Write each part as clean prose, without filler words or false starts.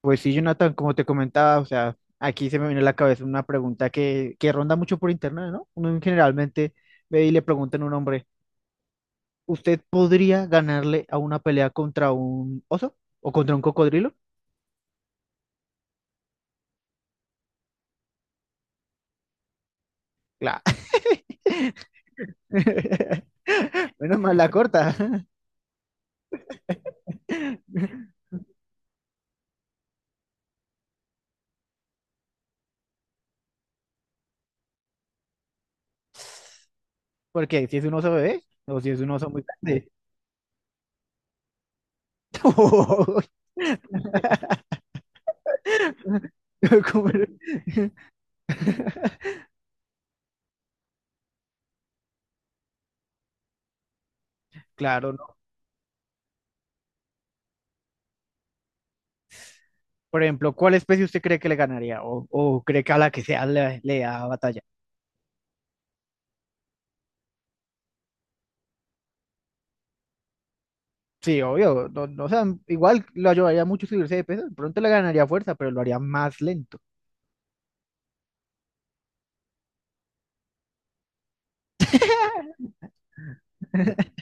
Pues sí, Jonathan, como te comentaba, o sea, aquí se me viene a la cabeza una pregunta que ronda mucho por internet, ¿no? Uno generalmente ve y le preguntan a un hombre, ¿usted podría ganarle a una pelea contra un oso o contra un cocodrilo? Claro. Menos mal la corta. Porque si es un oso bebé o si es un oso muy grande. Como- Claro. Por ejemplo, ¿cuál especie usted cree que le ganaría? O cree que a la que sea le da batalla? Sí, obvio, no, no, o sea, igual lo ayudaría mucho subirse de peso, de pronto le ganaría fuerza, pero lo haría más lento.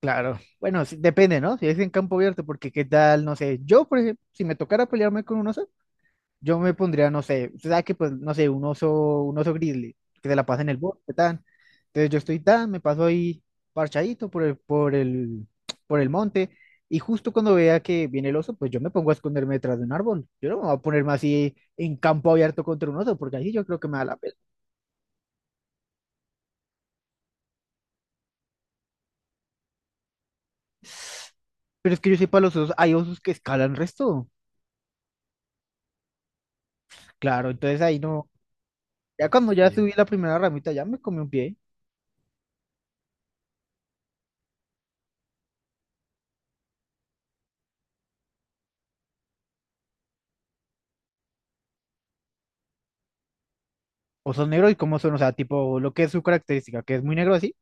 Claro, bueno, sí, depende, ¿no? Si es en campo abierto, porque qué tal, no sé, yo, por ejemplo, si me tocara pelearme con un oso, yo me pondría, no sé, usted sabe que pues, no sé, un oso grizzly, que se la pasa en el bosque, tan. Entonces yo estoy tan, me paso ahí parchadito por el por el monte, y justo cuando vea que viene el oso, pues yo me pongo a esconderme detrás de un árbol. Yo no me voy a ponerme así en campo abierto contra un oso, porque ahí sí yo creo que me da la pena. Pero es que yo sepa, los osos, hay osos que escalan resto. Claro, entonces ahí no. Ya cuando ya sí, subí la primera ramita, ya me comí un pie. Osos negros y cómo son, o sea, tipo lo que es su característica, que es muy negro así.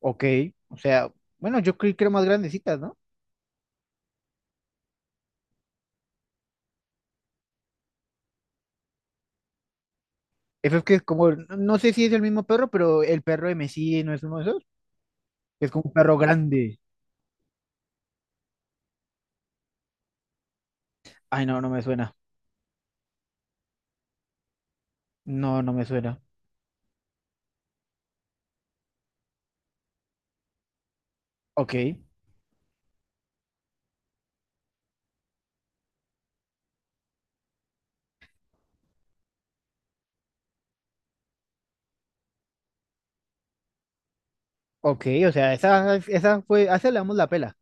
Ok, o sea, bueno, yo creí que eran más grandecitas, ¿no? Eso es que es como, no sé si es el mismo perro, pero el perro de Messi no es uno de esos. Es como un perro grande. Ay, no, no me suena. No, no me suena. Ok, ok, o sea, esa fue, a esa le damos la pela.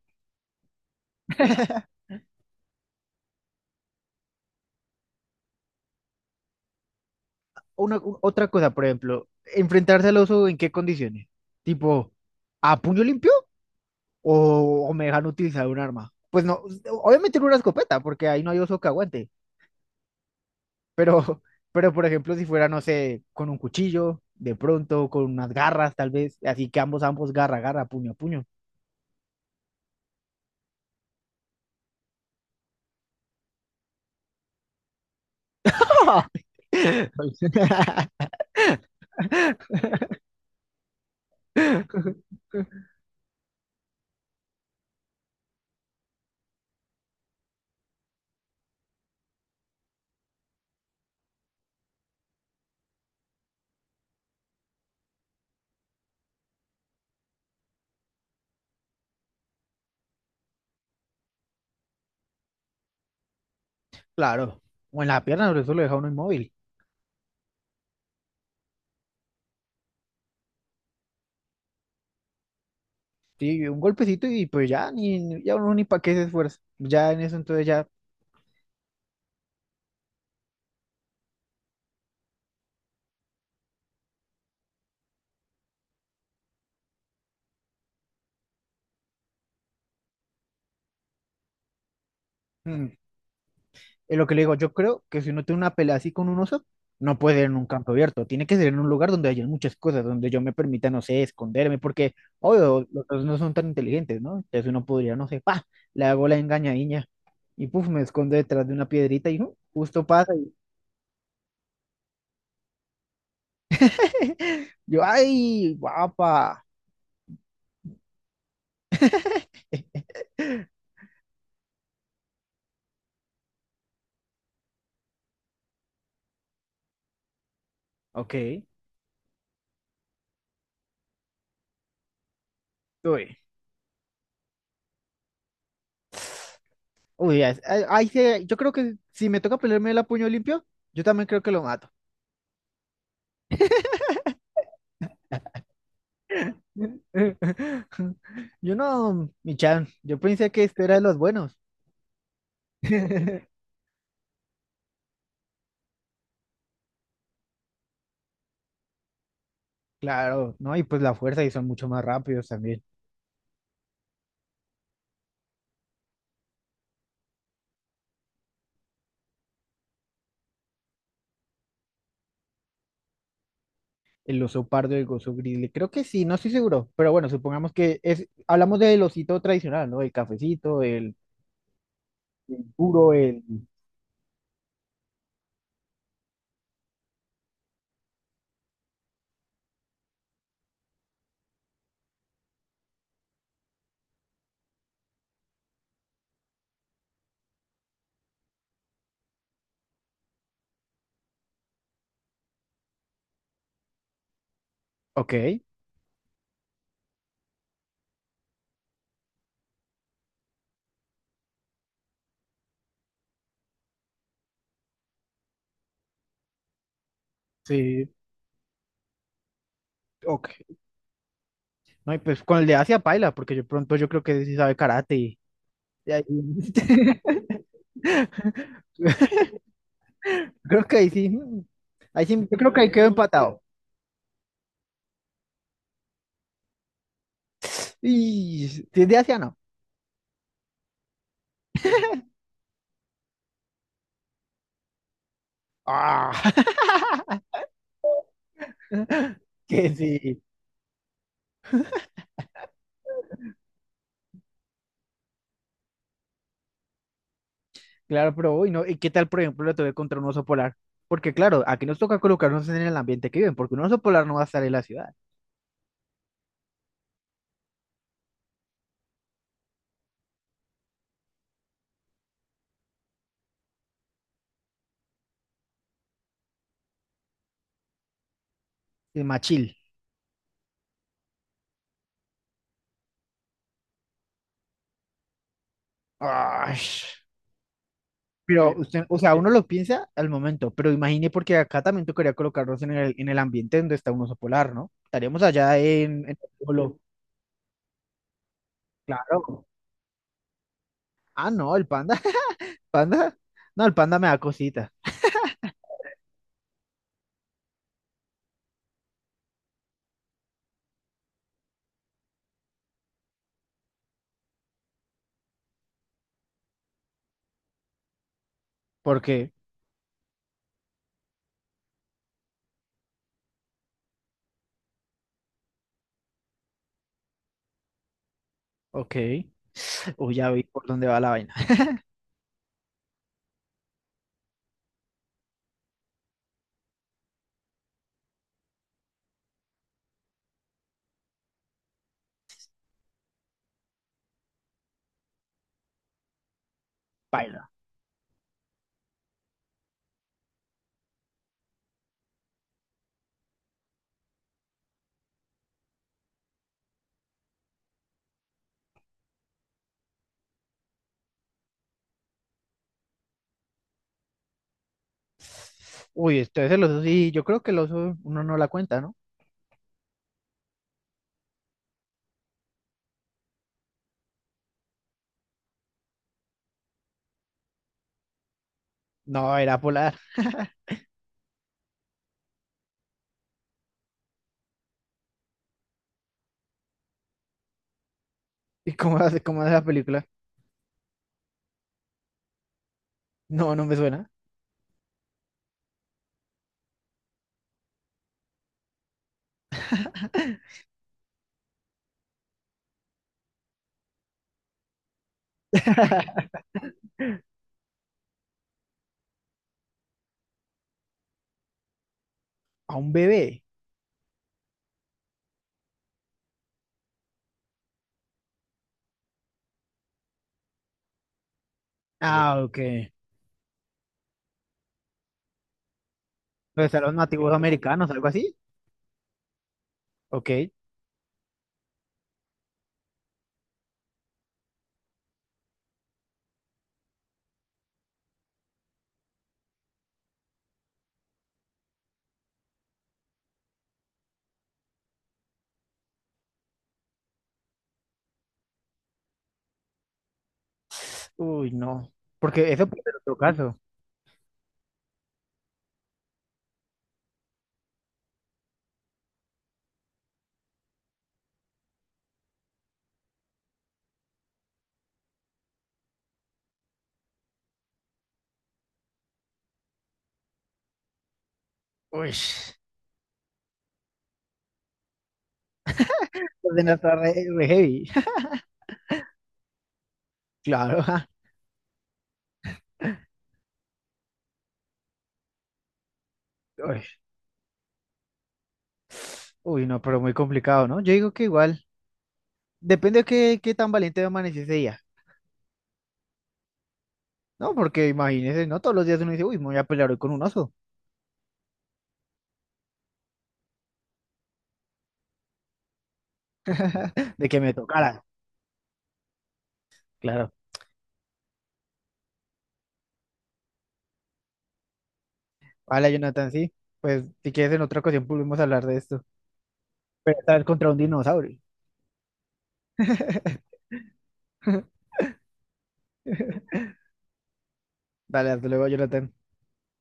Una, otra cosa, por ejemplo, enfrentarse al oso, ¿en qué condiciones? Tipo, ¿a puño limpio? O me dejan utilizar un arma? Pues no, obviamente no una escopeta, porque ahí no hay oso que aguante. Pero, pero por ejemplo, si fuera, no sé, con un cuchillo, de pronto, con unas garras, tal vez, así que ambos, ambos, garra, garra, puño puño. Claro. O en la pierna, pero eso lo deja uno inmóvil. Sí, un golpecito y pues ya, ni, ya uno ni para qué se esfuerza. Ya en eso, entonces ya, mm, es lo que le digo, yo creo que si uno tiene una pelea así con un oso, no puede ser en un campo abierto, tiene que ser en un lugar donde haya muchas cosas, donde yo me permita, no sé, esconderme, porque, obvio, los osos no son tan inteligentes, ¿no? Entonces uno podría, no sé, pa, le hago la engañadiña y puf, me escondo detrás de una piedrita y justo pasa y yo, ay, guapa. Ok, uy, uy, ya ahí yo creo que si me toca pelearme el a puño limpio, yo también creo que lo mato. Yo no, mi chan, yo pensé que este era de los buenos. Claro, ¿no? Y pues la fuerza y son mucho más rápidos también. El oso pardo y el oso grizzly. Creo que sí, no estoy seguro. Pero bueno, supongamos que es, hablamos del osito tradicional, ¿no? El cafecito, el duro, el... Ok, sí, ok. No, y pues con el de Asia paila, porque yo pronto yo creo que sí sabe karate. Y ahí- Creo que ahí sí. Mm, ahí sí, yo creo que ahí quedó empatado. Y si es de Asia, no. Ah, que sí, claro, pero hoy no. ¿Y qué tal, por ejemplo, la tuve contra un oso polar? Porque, claro, aquí nos toca colocarnos en el ambiente que viven, porque un oso polar no va a estar en la ciudad, es más chill. Ay, pero usted, o sea, uno lo piensa al momento, pero imagine porque acá también tocaría colocarnos en en el ambiente donde está un oso polar, ¿no? Estaríamos allá en el polo, claro. Ah, no, el panda, panda, no, el panda me da cosita, porque, ok, uy, ya vi por dónde va la vaina. Uy, entonces el oso sí, yo creo que el oso uno no la cuenta, ¿no? No, era polar. ¿Y cómo hace la película? No, no me suena. A un bebé. Ah, ok. Pues están los nativos americanos, algo así. Ok. Uy, no. Porque eso puede ser otro caso. Uy, los de la re, re heavy. Claro. Ja. Uy, uy, no, pero muy complicado, ¿no? Yo digo que igual. Depende de qué, qué tan valiente amanece ese día. No, porque imagínese, ¿no? Todos los días uno dice, uy, me voy a pelear hoy con un oso. De que me tocara. Claro. Hola, Jonathan, sí. Pues si quieres en otra ocasión podemos hablar de esto. Pero esta vez contra un dinosaurio. Dale, hasta luego, Jonathan.